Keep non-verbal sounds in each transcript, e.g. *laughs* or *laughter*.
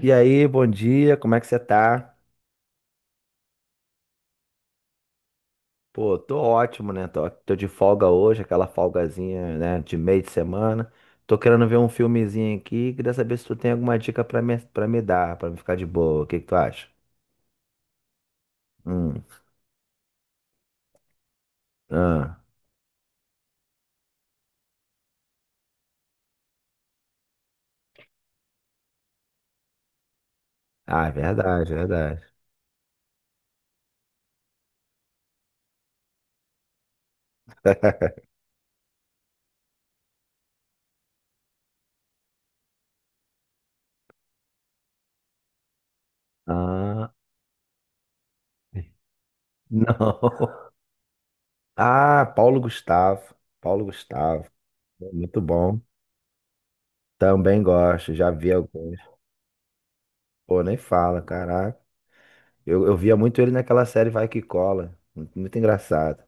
E aí, bom dia, como é que você tá? Pô, tô ótimo, né? Tô de folga hoje, aquela folgazinha, né, de meio de semana. Tô querendo ver um filmezinho aqui, queria saber se tu tem alguma dica pra me dar, pra me ficar de boa. O que que tu acha? Hum. Ah, ah, é verdade, é verdade. *laughs* Ah, não. Ah, Paulo Gustavo. Paulo Gustavo, muito bom. Também gosto, já vi alguns. Pô, nem fala, caraca. Eu via muito ele naquela série Vai Que Cola. Muito engraçado.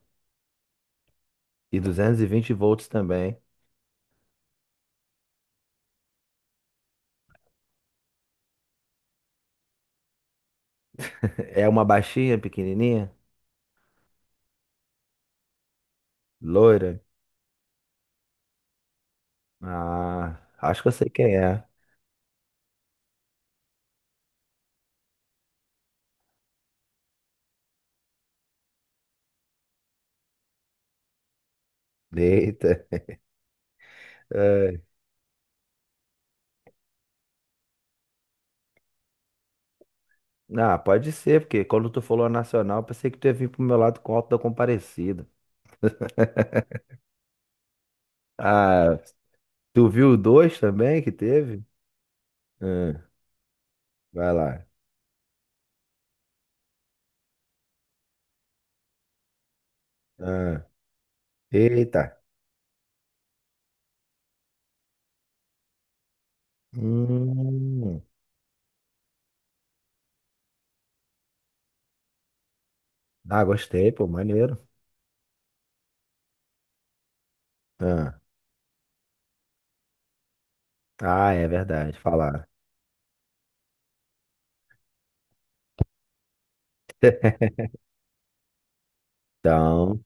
E 220 volts também. *laughs* É uma baixinha, pequenininha, loira. Ah, acho que eu sei quem é. Eita. É. Ah, pode ser, porque quando tu falou a Nacional, eu pensei que tu ia vir pro meu lado com o Alto da Comparecida. Ah, tu viu o dois também que teve? Ah, vai lá. Ah, eita. Hum. Ah, gostei, pô, maneiro. Ah, ah, é verdade, falar. *laughs* Então,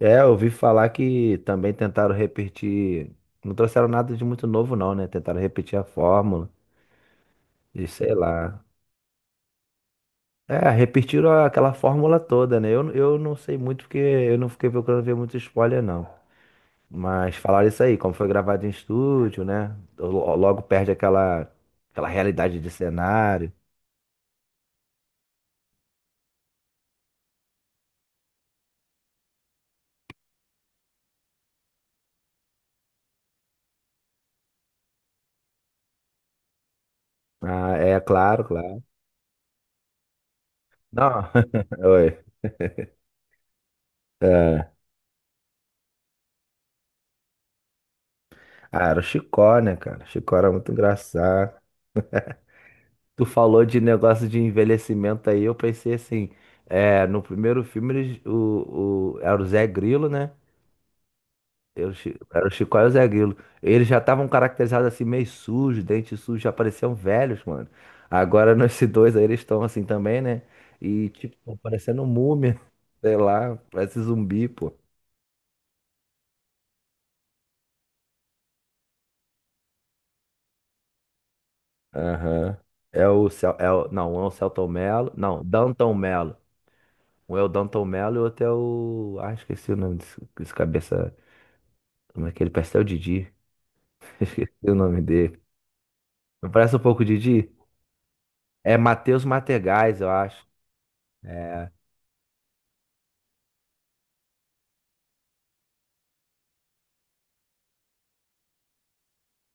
é, eu ouvi falar que também tentaram repetir. Não trouxeram nada de muito novo, não, né? Tentaram repetir a fórmula e sei lá. É, repetiram aquela fórmula toda, né? Eu não sei muito porque eu não fiquei procurando ver muito spoiler, não. Mas falaram isso aí, como foi gravado em estúdio, né? Logo perde aquela realidade de cenário. Ah, é, claro, claro. Não, *laughs* oi. É. Ah, era o Chicó, né, cara? Chicó era muito engraçado. Tu falou de negócio de envelhecimento aí, eu pensei assim, é, no primeiro filme eles, era o Zé Grilo, né? Era o era o Chicó e o Zé Grilo. Eles já estavam caracterizados assim, meio sujos, dente sujo, já pareciam velhos, mano. Agora *laughs* nesse dois aí eles estão assim também, né? E tipo, tão parecendo múmia, *laughs* sei lá, parece zumbi, pô. Aham. É o, é o, não, um é o Celton Mello, não, Danton Mello. Um é o Danton Mello e o outro é o. Ah, esqueci o nome desse cabeça. Como é que ele? Pastel Didi. *laughs* Esqueci o nome dele. Não parece um pouco Didi? É Matheus Mategais, eu acho. É.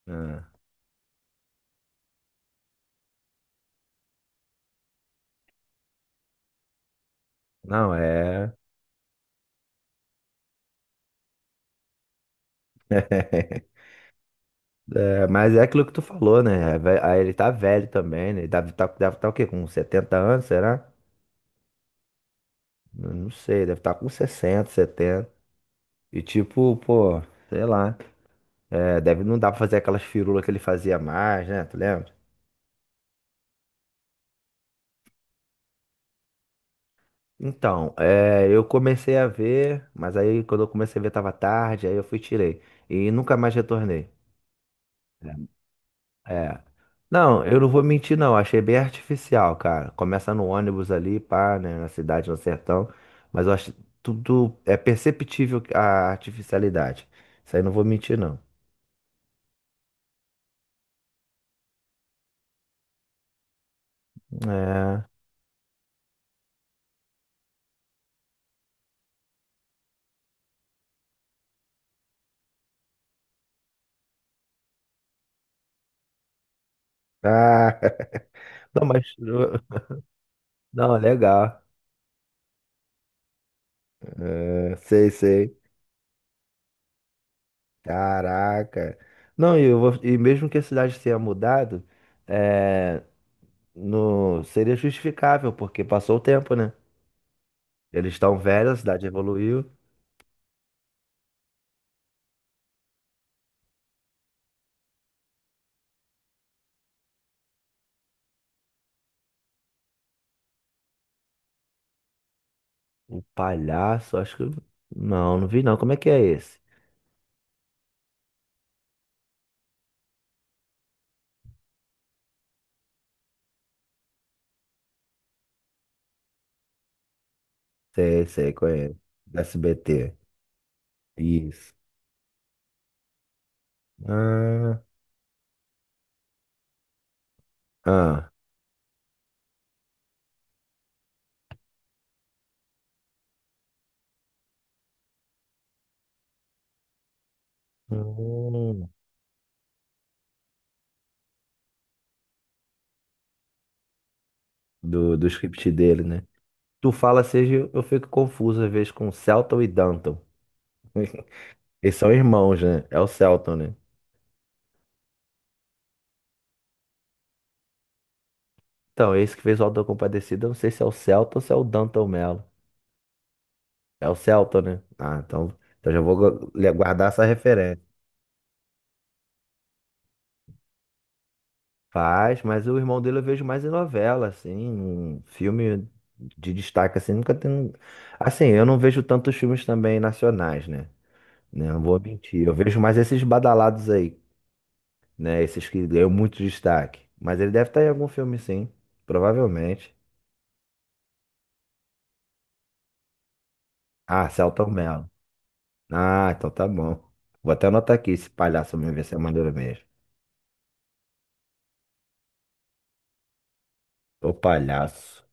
Ah, não, é. *laughs* É, mas é aquilo que tu falou, né? É. Aí ele tá velho também, né? Ele deve tá, deve tá o quê? Com 70 anos, será? Eu não sei, deve estar com 60 70. E tipo, pô, sei lá. É, deve não dá pra fazer aquelas firulas que ele fazia mais, né? Tu lembra? Então, é, eu comecei a ver, mas aí quando eu comecei a ver tava tarde, aí eu fui e tirei. E nunca mais retornei. É. Não, eu não vou mentir, não. Achei bem artificial, cara. Começa no ônibus ali, pá, né? Na cidade, no sertão. Mas eu acho tudo. É perceptível a artificialidade. Isso aí não vou mentir, não. É. Ah, *laughs* não, mas. Não, legal. É, sei, sei. Caraca. Não, e, e mesmo que a cidade tenha mudado, é, no, seria justificável, porque passou o tempo, né? Eles estão velhos, a cidade evoluiu. O palhaço, acho que. Não, não vi não. Como é que é esse? Sei, sei, conheço. Do SBT. Isso. Ah, ah. Hum. Do script dele, né? Tu fala seja, eu fico confuso às vezes com Celton e Danton. *laughs* Eles são irmãos, né? É o Celton, né? Então, esse que fez o Auto da Compadecida, eu não sei se é o Celta ou se é o Danton Mello. É o Celta, né? Ah, então já vou guardar essa referência. Faz, mas o irmão dele eu vejo mais em novela, assim, em filme de destaque, assim, nunca tem. Um. Assim, eu não vejo tantos filmes também nacionais, né? Né, não vou mentir. Eu vejo mais esses badalados aí, né? Esses que ganham muito destaque. Mas ele deve estar em algum filme, sim, provavelmente. Ah, Celton Mello. Ah, então tá bom. Vou até anotar aqui esse palhaço mesmo, ver se é maneiro mesmo. Ô palhaço.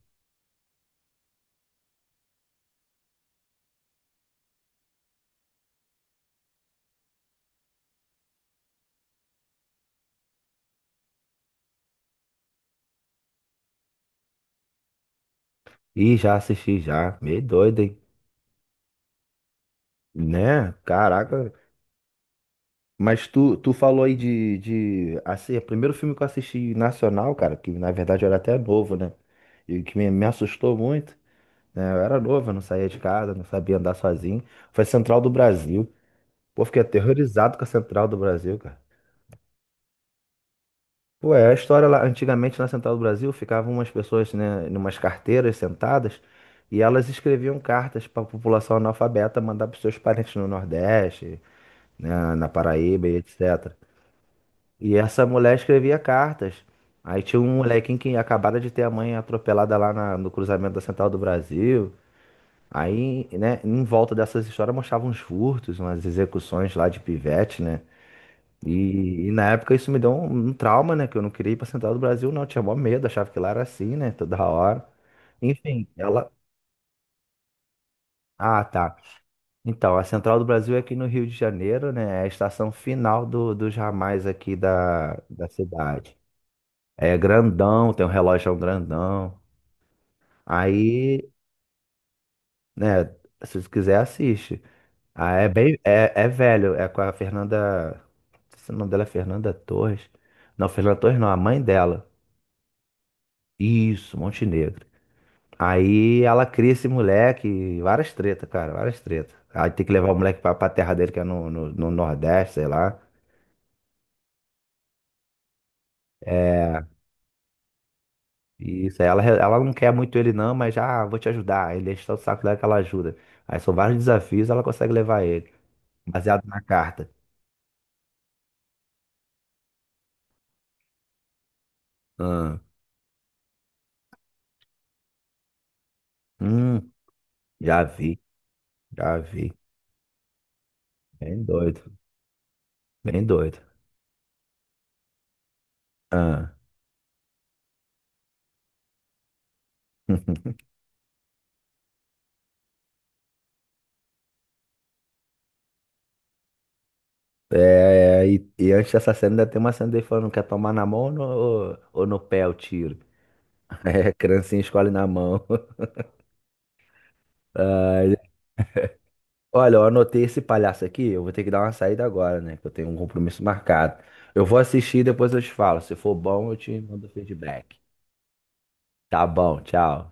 Ih, já assisti já. Meio doido, hein? Né? Caraca. Mas tu falou aí de. Assim, o primeiro filme que eu assisti nacional, cara, que na verdade eu era até novo, né? E que me assustou muito, né? Eu era novo, eu não saía de casa, não sabia andar sozinho. Foi Central do Brasil. Pô, fiquei aterrorizado com a Central do Brasil, cara. Pô, é a história lá, antigamente na Central do Brasil ficavam umas pessoas, né, numas carteiras sentadas e elas escreviam cartas para a população analfabeta mandar para seus parentes no Nordeste, né, na Paraíba e etc. E essa mulher escrevia cartas. Aí tinha um molequinho que acabara de ter a mãe atropelada lá no cruzamento da Central do Brasil. Aí, né, em volta dessas histórias mostravam uns furtos, umas execuções lá de pivete, né? E na época isso me deu um trauma, né? Que eu não queria ir pra Central do Brasil, não. Eu tinha mó medo, achava que lá era assim, né? Toda hora. Enfim, ela. Ah, tá. Então, a Central do Brasil é aqui no Rio de Janeiro, né? É a estação final dos ramais aqui da cidade. É grandão, tem um relógio grandão. Aí, né? Se você quiser, assiste. Ah, é bem. É velho, é com a Fernanda. Não sei se o nome dela é Fernanda Torres. Não, Fernanda Torres não, a mãe dela. Isso, Montenegro. Aí ela, cria esse moleque, várias tretas, cara, várias tretas. Aí tem que levar o moleque pra terra dele, que é no Nordeste, sei lá. É, isso. Aí ela não quer muito ele, não, mas já "Ah, vou te ajudar." Aí ele enche o saco dela que ela ajuda. Aí são vários desafios, ela consegue levar ele, baseado na carta. Ah, hum, já vi, já vi. Bem doido, bem doido. Ah. *laughs* É, e antes dessa cena ainda tem uma cena dele falando, quer tomar na mão ou no pé o tiro? É, criancinha escolhe na mão. *laughs* Ai, olha, eu anotei esse palhaço aqui. Eu vou ter que dar uma saída agora, né? Que eu tenho um compromisso marcado. Eu vou assistir e depois eu te falo. Se for bom, eu te mando feedback. Tá bom, tchau.